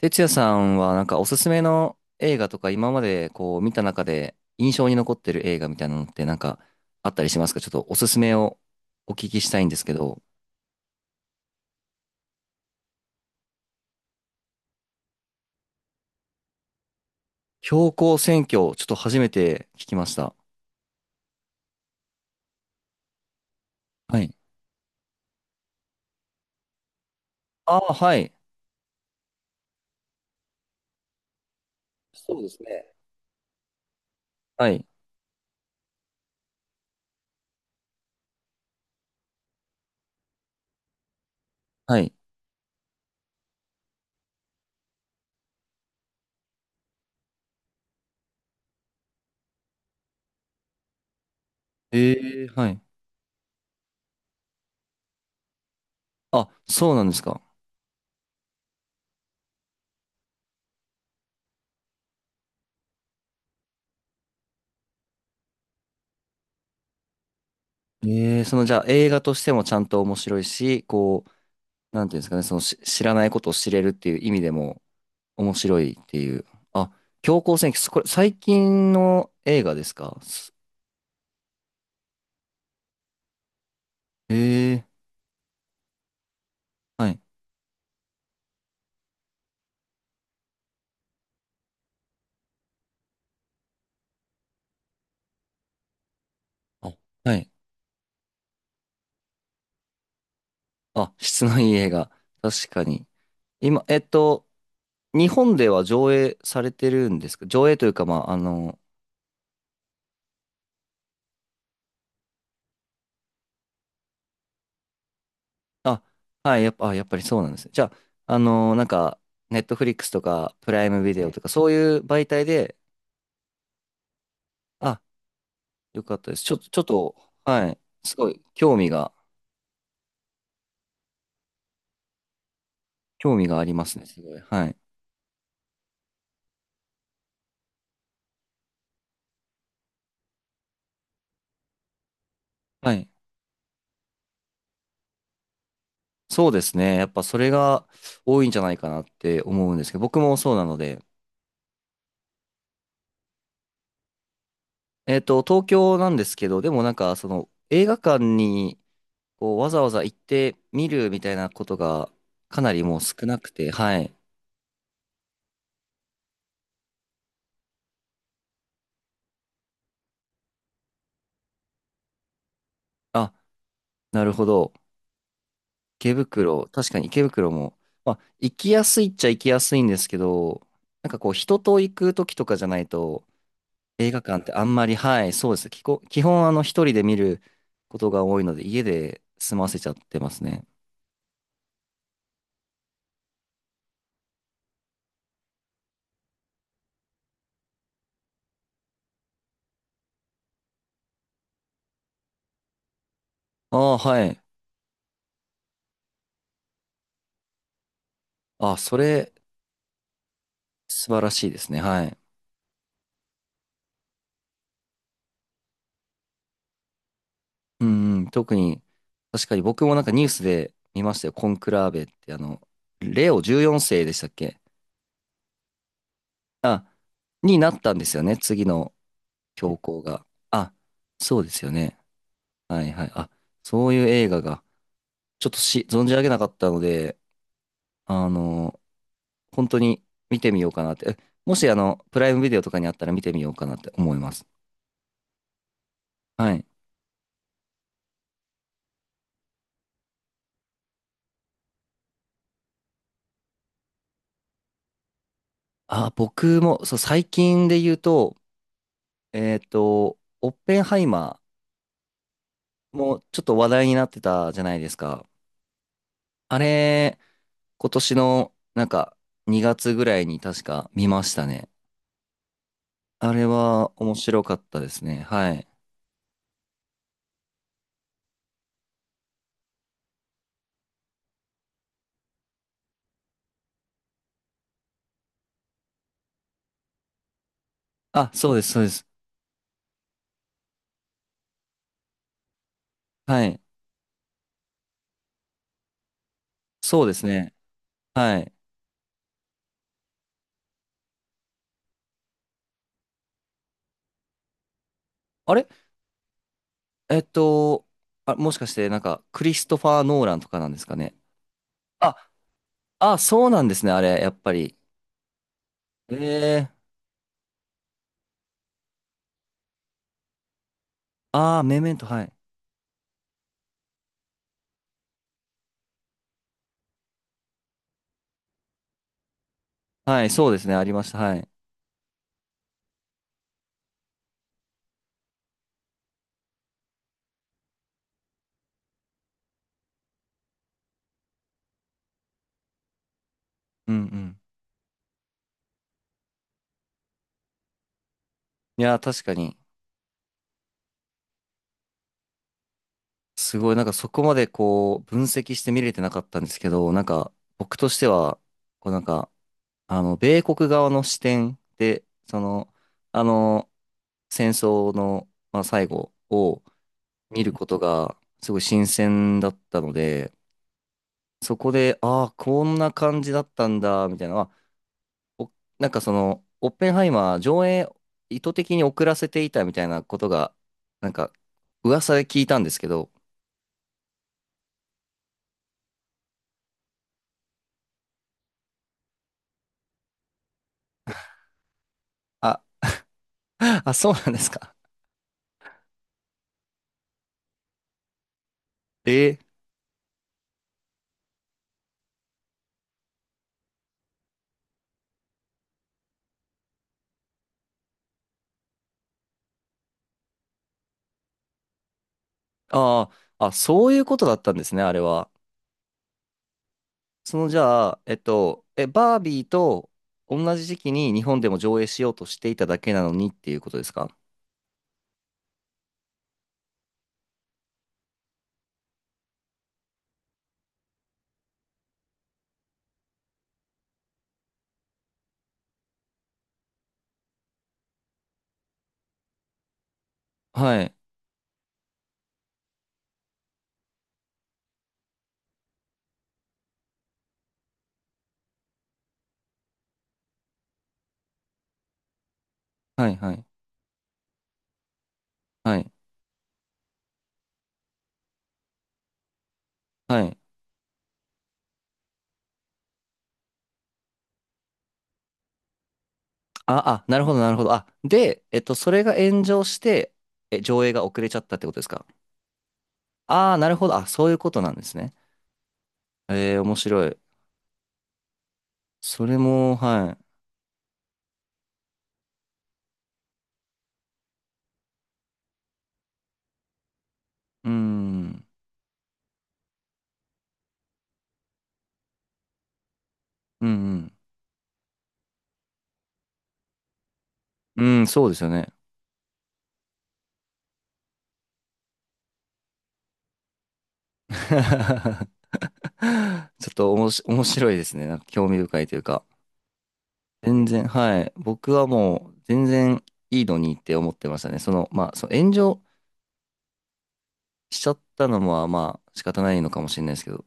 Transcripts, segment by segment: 哲也さんはおすすめの映画とか今まで見た中で印象に残ってる映画みたいなのってあったりしますか？ちょっとおすすめをお聞きしたいんですけど。標高選挙、ちょっと初めて聞きました。はい。ああ、はい。そうですね。はい。はい。ええ、はい。あ、そうなんですか。ええ、そのじゃあ映画としてもちゃんと面白いし、こう、なんていうんですかね、その知らないことを知れるっていう意味でも、面白いっていう。あ、強行戦記、これ最近の映画ですか？へえ。はい。あ、はい。あ、質のいい映画。確かに。今、日本では上映されてるんですか？上映というか、まあ、あの、あ、はい、やっぱ、あ、やっぱりそうなんですね。じゃあ、あの、なんか、ネットフリックスとか、プライムビデオとか、そういう媒体で、あ、よかったです。ちょっと、ちょっと、はい。すごい、興味が、興味がありますね。すごい。はい。はい。そうですね。やっぱそれが多いんじゃないかなって思うんですけど、僕もそうなので。東京なんですけど、でもなんかその映画館にこうわざわざ行って見るみたいなことがかなりもう少なくて、はい。あ、なるほど。池袋、確かに池袋も、まあ、行きやすいっちゃ行きやすいんですけど、なんかこう人と行く時とかじゃないと映画館ってあんまり、はい、そうです。基本あの一人で見ることが多いので家で済ませちゃってますね。ああ、はい。あ、それ、素晴らしいですね。はい。うんうん。特に、確かに僕もなんかニュースで見ましたよ。コンクラーベって、あの、レオ14世でしたっけ？あ、になったんですよね。次の教皇が。あ、そうですよね。はいはい。あ、そういう映画が、ちょっとし、存じ上げなかったので、あの、本当に見てみようかなって。え、もし、あの、プライムビデオとかにあったら見てみようかなって思います。はい。あ、僕も、そう、最近で言うと、オッペンハイマーもちょっと話題になってたじゃないですか。あれ、今年のなんか2月ぐらいに確か見ましたね。あれは面白かったですね。はい。あ、そうです、そうです。はい。そうですね。はい。あれえっと、あ、もしかしてなんかクリストファー・ノーランとかなんですかね。あ、あ、そうなんですね、あれ、やっぱり。ええ。ああー、メメント、はい。はい、そうですね、ありました。はい。うんうん。いや、確かに。すごい、なんかそこまでこう、分析して見れてなかったんですけど、なんか僕としては、こうなんか、あの、米国側の視点で、その、あの、戦争の、まあ、最後を見ることが、すごい新鮮だったので、そこで、ああ、こんな感じだったんだ、みたいな、は、お、なんかその、オッペンハイマー上映意図的に遅らせていたみたいなことが、なんか、噂で聞いたんですけど、あ、あ、そうなんですか。えー。ああ、あ、そういうことだったんですね、あれは。その、じゃあ、え、バービーと同じ時期に日本でも上映しようとしていただけなのにっていうことですか？はい、はい、はい、はい、はい。あ、あ、なるほど、なるほど。あ、で、それが炎上して、え、上映が遅れちゃったってことですか？ああー、なるほど。あ、そういうことなんですね。えー、面白い。それも、はい。うーん、うん、うん、うん、そうですよね。ちょっとおもし、面白いですね。なんか興味深いというか。全然、はい。僕はもう全然いいのにって思ってましたね。その、まあ、その炎上しちゃったのは、まあ、仕方ないのかもしれないですけど。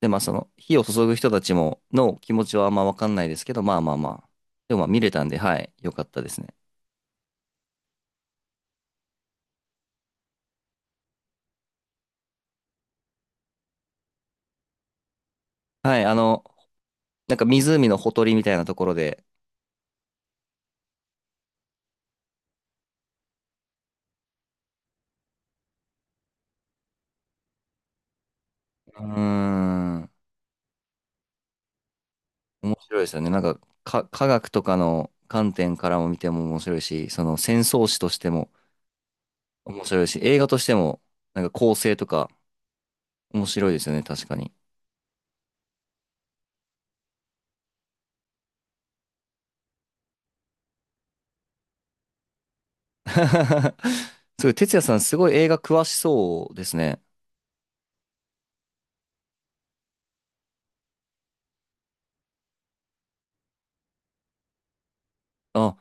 で、まあ、その、火を注ぐ人たちも、の気持ちはあんまわかんないですけど、まあまあまあ。でもまあ見れたんで、はい。よかったですね。はい。あの、なんか湖のほとりみたいなところで、うーん、面白いですよね。なんか、科学とかの観点からも見ても面白いし、その戦争史としても、面白いし、映画としても、なんか構成とか面白いですよね、確かに。すごい、哲也さんすごい映画詳しそうですね。あ、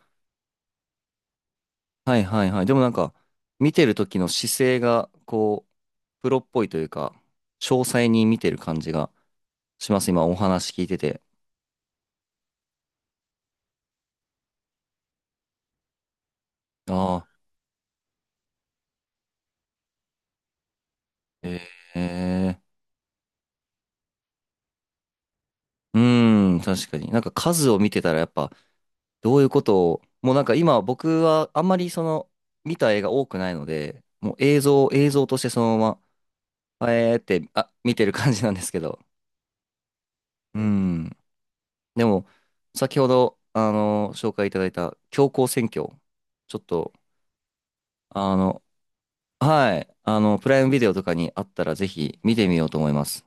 はいはいはい。でもなんか、見てる時の姿勢が、こう、プロっぽいというか、詳細に見てる感じがします、今お話聞いてて。ああ、ええ。うーん、確かに。なんか数を見てたらやっぱ、どういうことを、もうなんか今僕はあんまりその、見た映画多くないので、もう映像、映像としてそのまま、えーって、あ、見てる感じなんですけど。うん。でも、先ほど、あの、紹介いただいた、強行選挙。ちょっと、あの、はい。あの、プライムビデオとかにあったら、ぜひ見てみようと思います。